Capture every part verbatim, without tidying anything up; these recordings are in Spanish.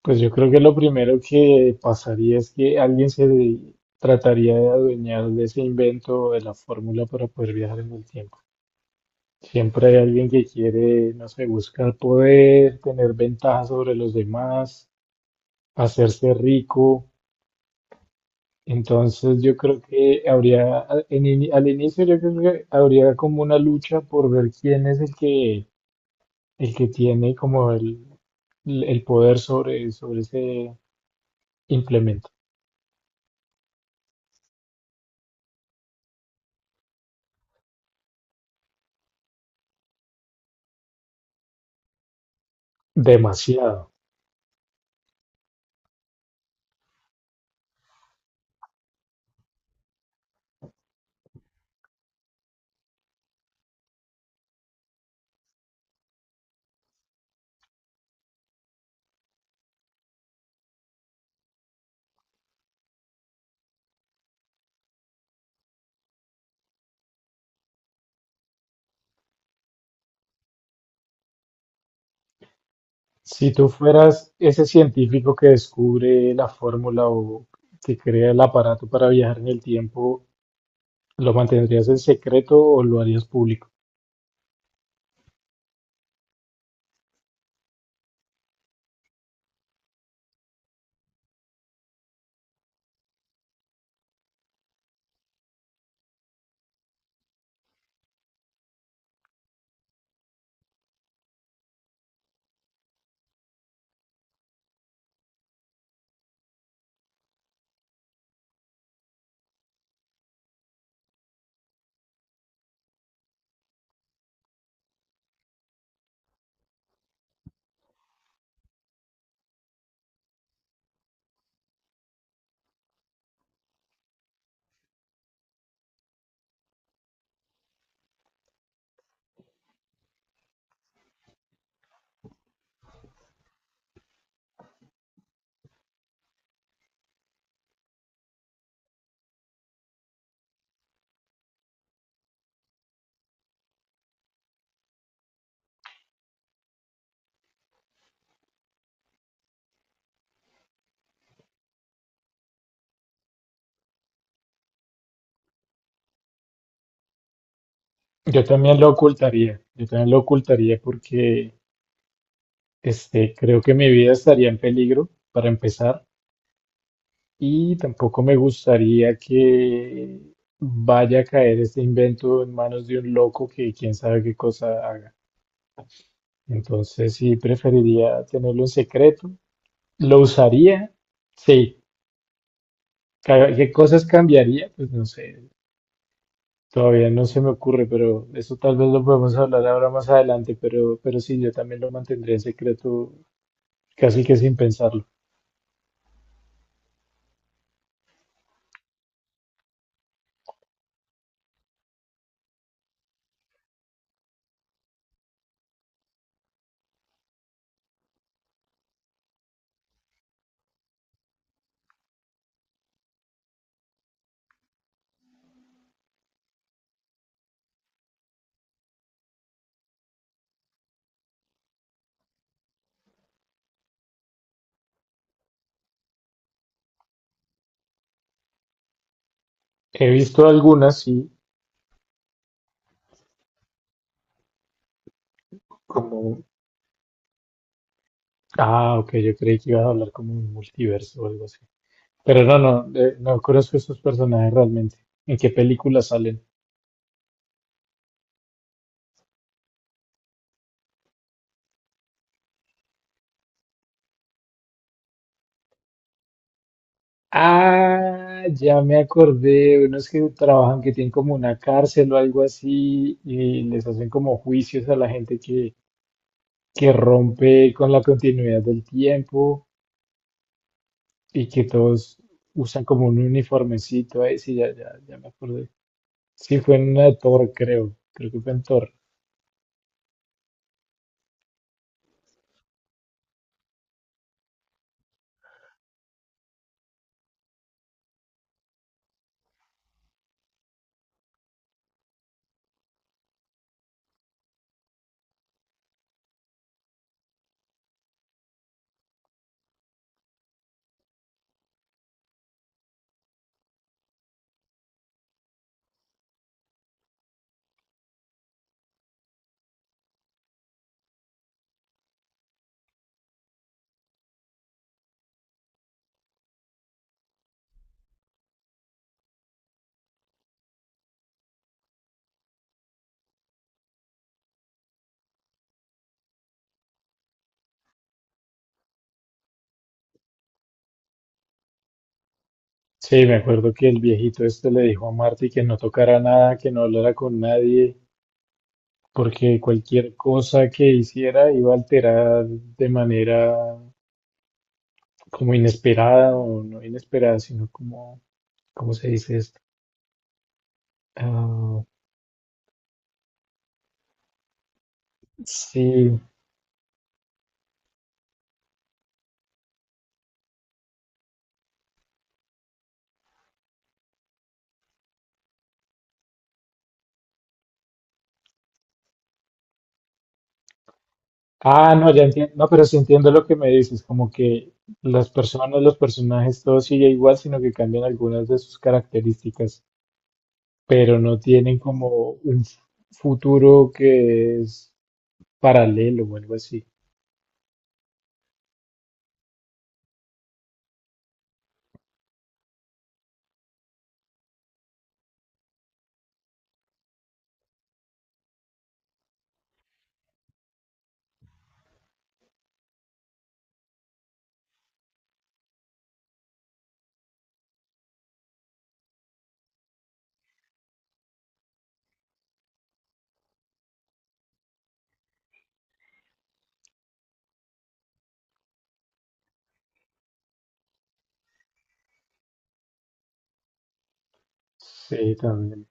Pues yo creo que lo primero que pasaría es que alguien se de- trataría de adueñar de ese invento o de la fórmula para poder viajar en el tiempo. Siempre hay alguien que quiere, no sé, buscar poder, tener ventaja sobre los demás, hacerse rico. Entonces yo creo que habría, a- en ini- al inicio yo creo que habría como una lucha por ver quién es el que, el que tiene como el, el poder sobre, sobre ese implemento. Demasiado. Si tú fueras ese científico que descubre la fórmula o que crea el aparato para viajar en el tiempo, ¿lo mantendrías en secreto o lo harías público? Yo también lo ocultaría, yo también lo ocultaría porque este, creo que mi vida estaría en peligro para empezar y tampoco me gustaría que vaya a caer este invento en manos de un loco que quién sabe qué cosa haga. Entonces sí preferiría tenerlo en secreto. ¿Lo usaría? Sí. ¿Ca- ¿Qué cosas cambiaría? Pues no sé, todavía no se me ocurre, pero eso tal vez lo podemos hablar ahora más adelante, pero, pero sí, yo también lo mantendría en secreto casi que sin pensarlo. He visto algunas, sí, como... Ah, ok, yo creí que ibas a hablar como un multiverso o algo así. Pero no, no, eh, no conozco estos personajes realmente. ¿En qué películas salen? Ah, ya me acordé, unos que trabajan que tienen como una cárcel o algo así y les hacen como juicios a la gente que, que rompe con la continuidad del tiempo y que todos usan como un uniformecito ahí, sí, ya, ya, ya me acordé. Sí, fue en una de Thor, creo, creo que fue en Thor. Sí, me acuerdo que el viejito este le dijo a Marty que no tocara nada, que no hablara con nadie, porque cualquier cosa que hiciera iba a alterar de manera como inesperada o no inesperada, sino como, ¿cómo se dice esto? Ah, sí. Ah, no, ya entiendo. No, pero sí entiendo lo que me dices, como que las personas, los personajes, todo sigue igual, sino que cambian algunas de sus características, pero no tienen como un f- futuro que es paralelo o algo así. Sí, también.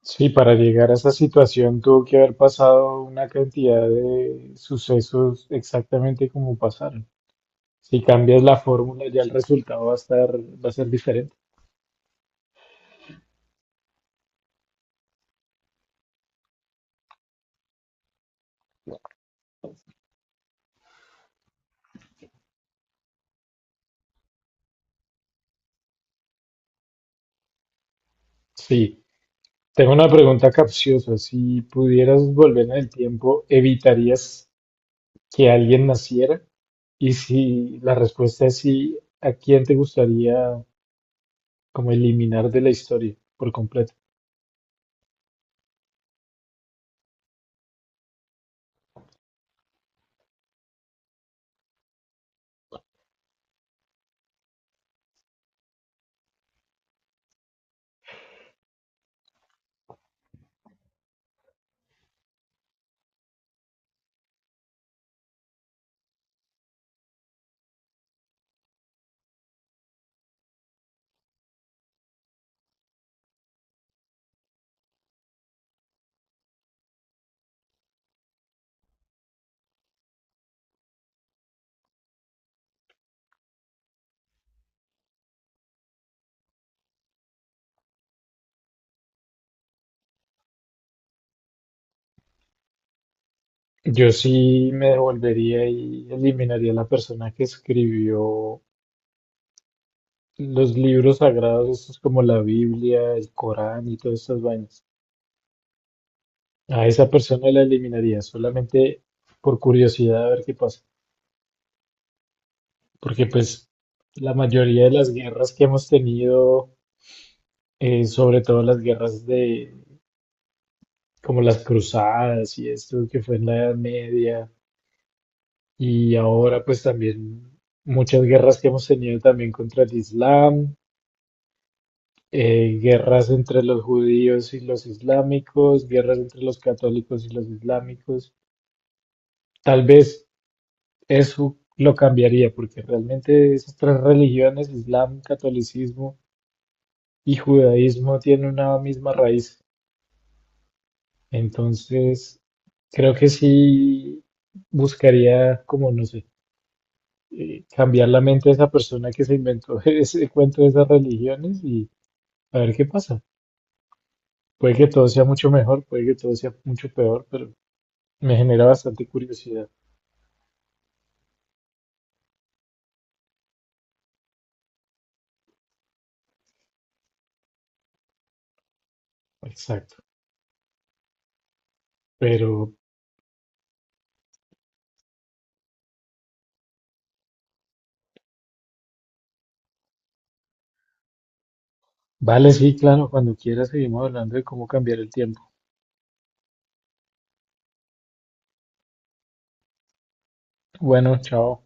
Sí, para llegar a esa situación tuvo que haber pasado una cantidad de sucesos exactamente como pasaron. Si cambias la fórmula, ya el resultado va a estar, va a ser diferente. Sí. Tengo una pregunta capciosa. Si pudieras volver en el tiempo, ¿evitarías que alguien naciera? Y si la respuesta es sí, ¿a quién te gustaría como eliminar de la historia por completo? Yo sí me devolvería y eliminaría a la persona que escribió los libros sagrados, estos como la Biblia, el Corán y todas estas vainas. A esa persona la eliminaría solamente por curiosidad a ver qué pasa. Porque pues la mayoría de las guerras que hemos tenido, eh, sobre todo las guerras de como las cruzadas y esto que fue en la Edad Media y ahora pues también muchas guerras que hemos tenido también contra el Islam, eh, guerras entre los judíos y los islámicos, guerras entre los católicos y los islámicos. Tal vez eso lo cambiaría porque realmente esas tres religiones, Islam, catolicismo y judaísmo, tienen una misma raíz. Entonces, creo que sí buscaría, como no sé, eh, cambiar la mente de esa persona que se inventó ese cuento de esas religiones y a ver qué pasa. Puede que todo sea mucho mejor, puede que todo sea mucho peor, pero me genera bastante curiosidad. Exacto. Pero vale, sí, claro, cuando quieras seguimos hablando de cómo cambiar el tiempo. Bueno, chao.